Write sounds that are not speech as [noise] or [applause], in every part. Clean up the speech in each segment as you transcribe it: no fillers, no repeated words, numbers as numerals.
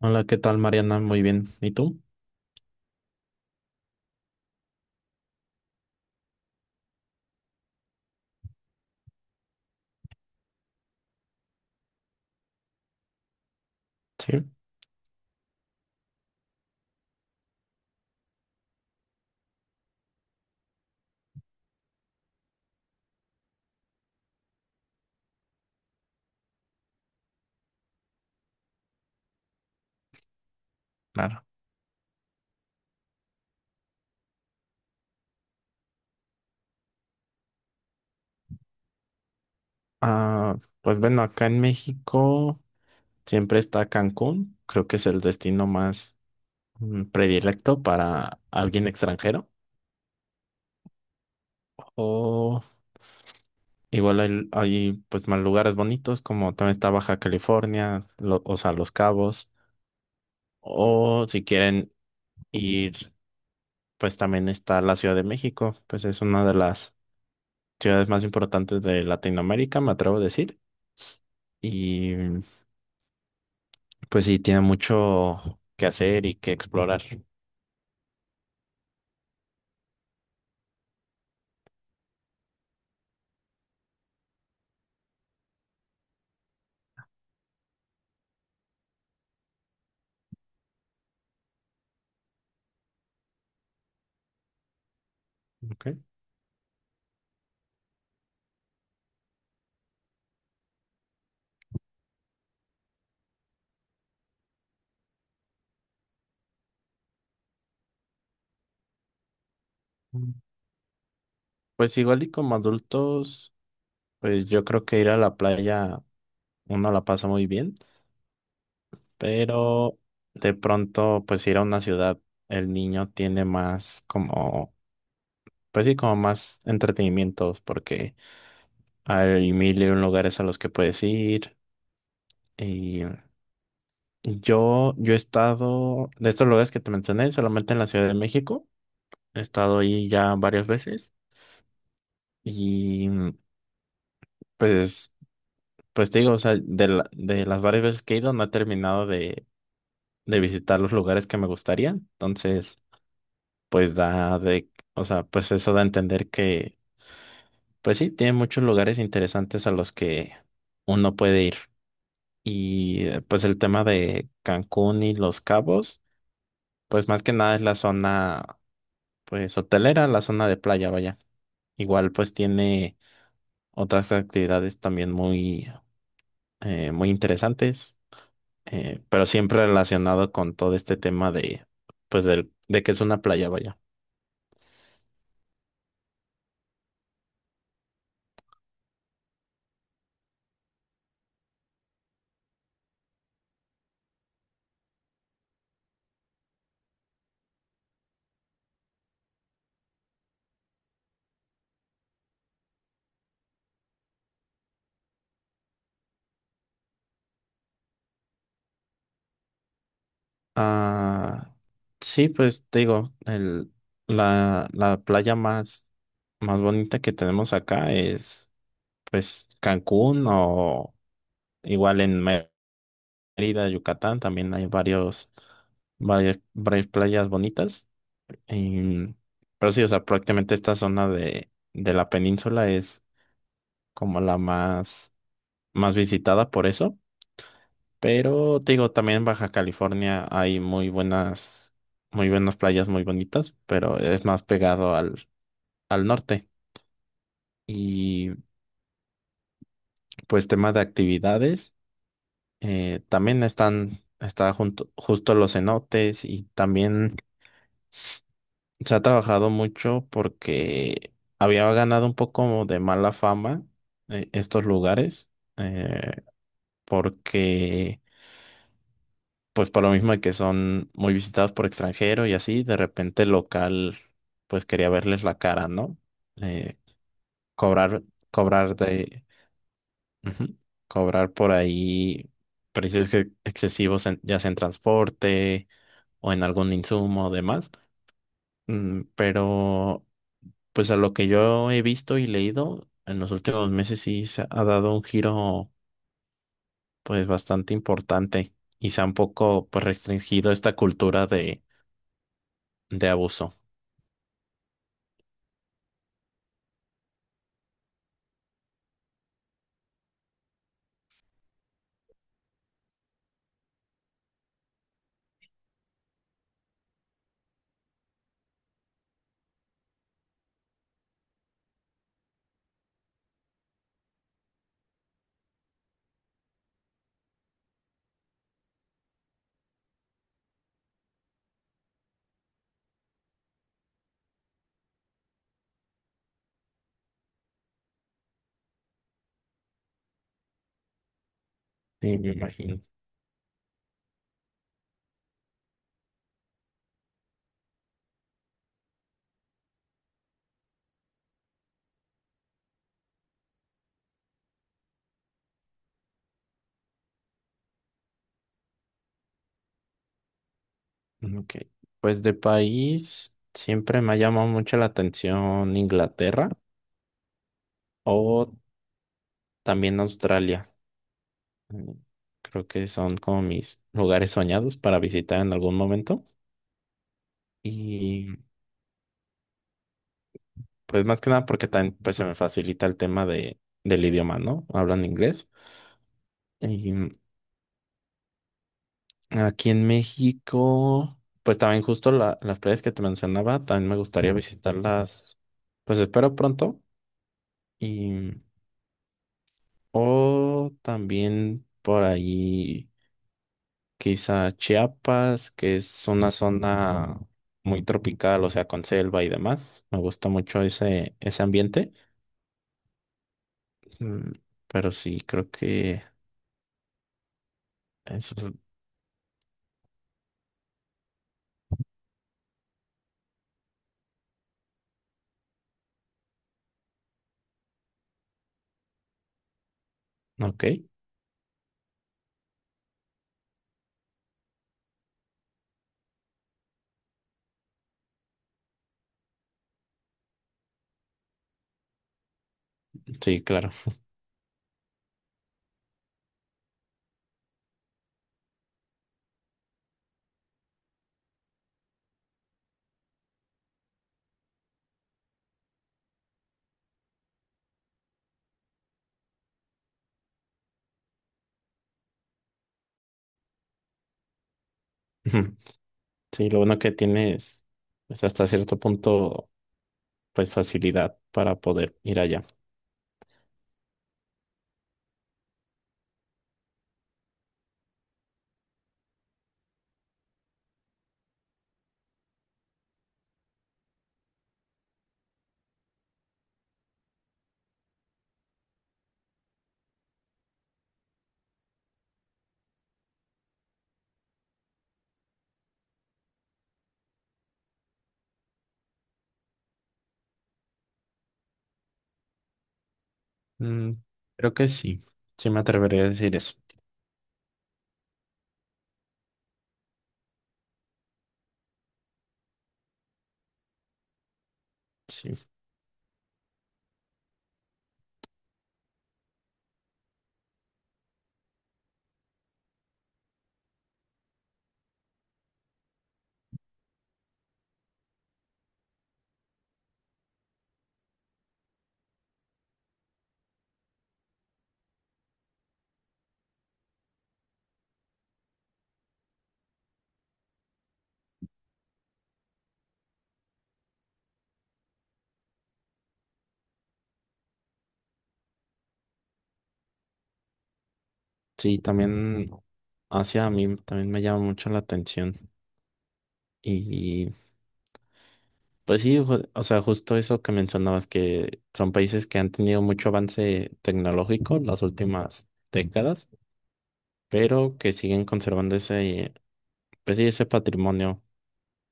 Hola, ¿qué tal, Mariana? Muy bien. ¿Y tú? Sí, claro. Pues bueno, acá en México siempre está Cancún. Creo que es el destino más predilecto para alguien extranjero. O igual hay, pues más lugares bonitos, como también está Baja California, o sea, Los Cabos. O si quieren ir, pues también está la Ciudad de México. Pues es una de las ciudades más importantes de Latinoamérica, me atrevo a decir. Y Pues sí, tiene mucho que hacer y que explorar. Ok. Mm. Pues igual y como adultos, pues yo creo que ir a la playa uno la pasa muy bien, pero de pronto pues ir a una ciudad, el niño tiene más como, pues sí, como más entretenimientos, porque hay mil y un lugares a los que puedes ir. Y yo he estado, de estos lugares que te mencioné, solamente en la Ciudad de México. He estado ahí ya varias veces y... Pues, pues te digo, o sea, de las varias veces que he ido no he terminado de visitar los lugares que me gustaría. Entonces, o sea, pues eso da a entender que, pues sí, tiene muchos lugares interesantes a los que uno puede ir. Pues el tema de Cancún y Los Cabos, pues más que nada es la zona, pues hotelera, la zona de playa, vaya. Igual pues tiene otras actividades también muy, muy interesantes. Pero siempre relacionado con todo este tema de, pues, de que es una playa, vaya. Ah, sí, pues te digo, la playa más, más bonita que tenemos acá es, pues, Cancún, o igual en Mérida, Yucatán, también hay varios, varias playas bonitas. Em, pero sí, o sea, prácticamente esta zona de la península es como la más, más visitada por eso. Pero te digo, también en Baja California hay muy buenas playas muy bonitas, pero es más pegado al norte. Y pues tema de actividades, también están, está justo los cenotes, y también se ha trabajado mucho porque había ganado un poco de mala fama, estos lugares, eh, porque pues por lo mismo de que son muy visitados por extranjero y así, de repente el local pues quería verles la cara, ¿no? Eh, cobrar, cobrar ujú, cobrar por ahí precios excesivos, ya sea en transporte o en algún insumo o demás. Pero, pues a lo que yo he visto y leído, en los últimos meses sí se ha dado un giro pues bastante importante, y se ha un poco, pues, restringido esta cultura de abuso. Sí, me imagino. Mm, ok. Pues de país siempre me ha llamado mucho la atención Inglaterra, o también Australia. Mm, Creo que son como mis lugares soñados para visitar en algún momento. Y pues más que nada porque también pues se me facilita el tema de, del idioma, ¿no? Hablan inglés. Y aquí en México pues también justo las playas que te mencionaba, también me gustaría visitarlas, pues espero pronto. y mm, O también por ahí, quizá Chiapas, que es una zona muy tropical, o sea, con selva y demás. Me gusta mucho ese, ese ambiente. Mm, Pero sí, creo que eso es... Ok, sí, claro. [laughs] Sí, lo bueno que tienes es, hasta cierto punto, pues facilidad para poder ir allá. Mm, Creo que sí, sí me atrevería a decir eso. Sí. Sí, también hacia mí también me llama mucho la atención. Y pues sí, o sea, justo eso que mencionabas, que son países que han tenido mucho avance tecnológico las últimas décadas, pero que siguen conservando ese, pues sí, ese patrimonio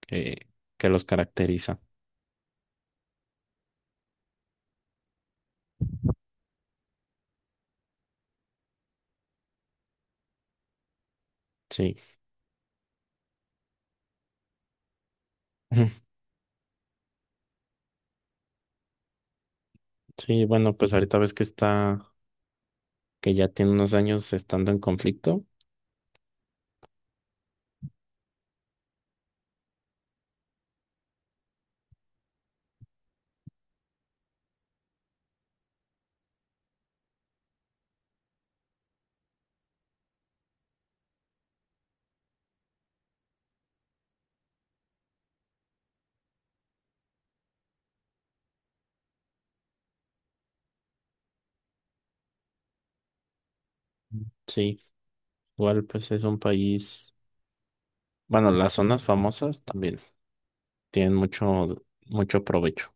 que, que los caracteriza. Sí. [laughs] Sí, bueno, pues ahorita ves que está que ya tiene unos años estando en conflicto. Sí, igual pues es un país. Bueno, las zonas famosas también tienen mucho, mucho provecho.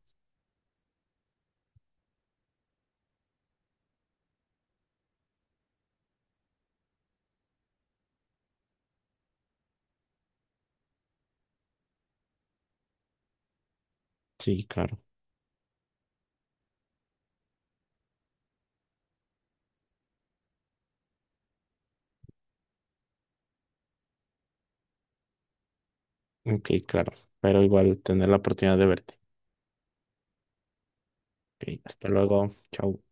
Sí, claro. Ok, claro. Pero igual tener la oportunidad de verte. Ok, hasta luego. Chao.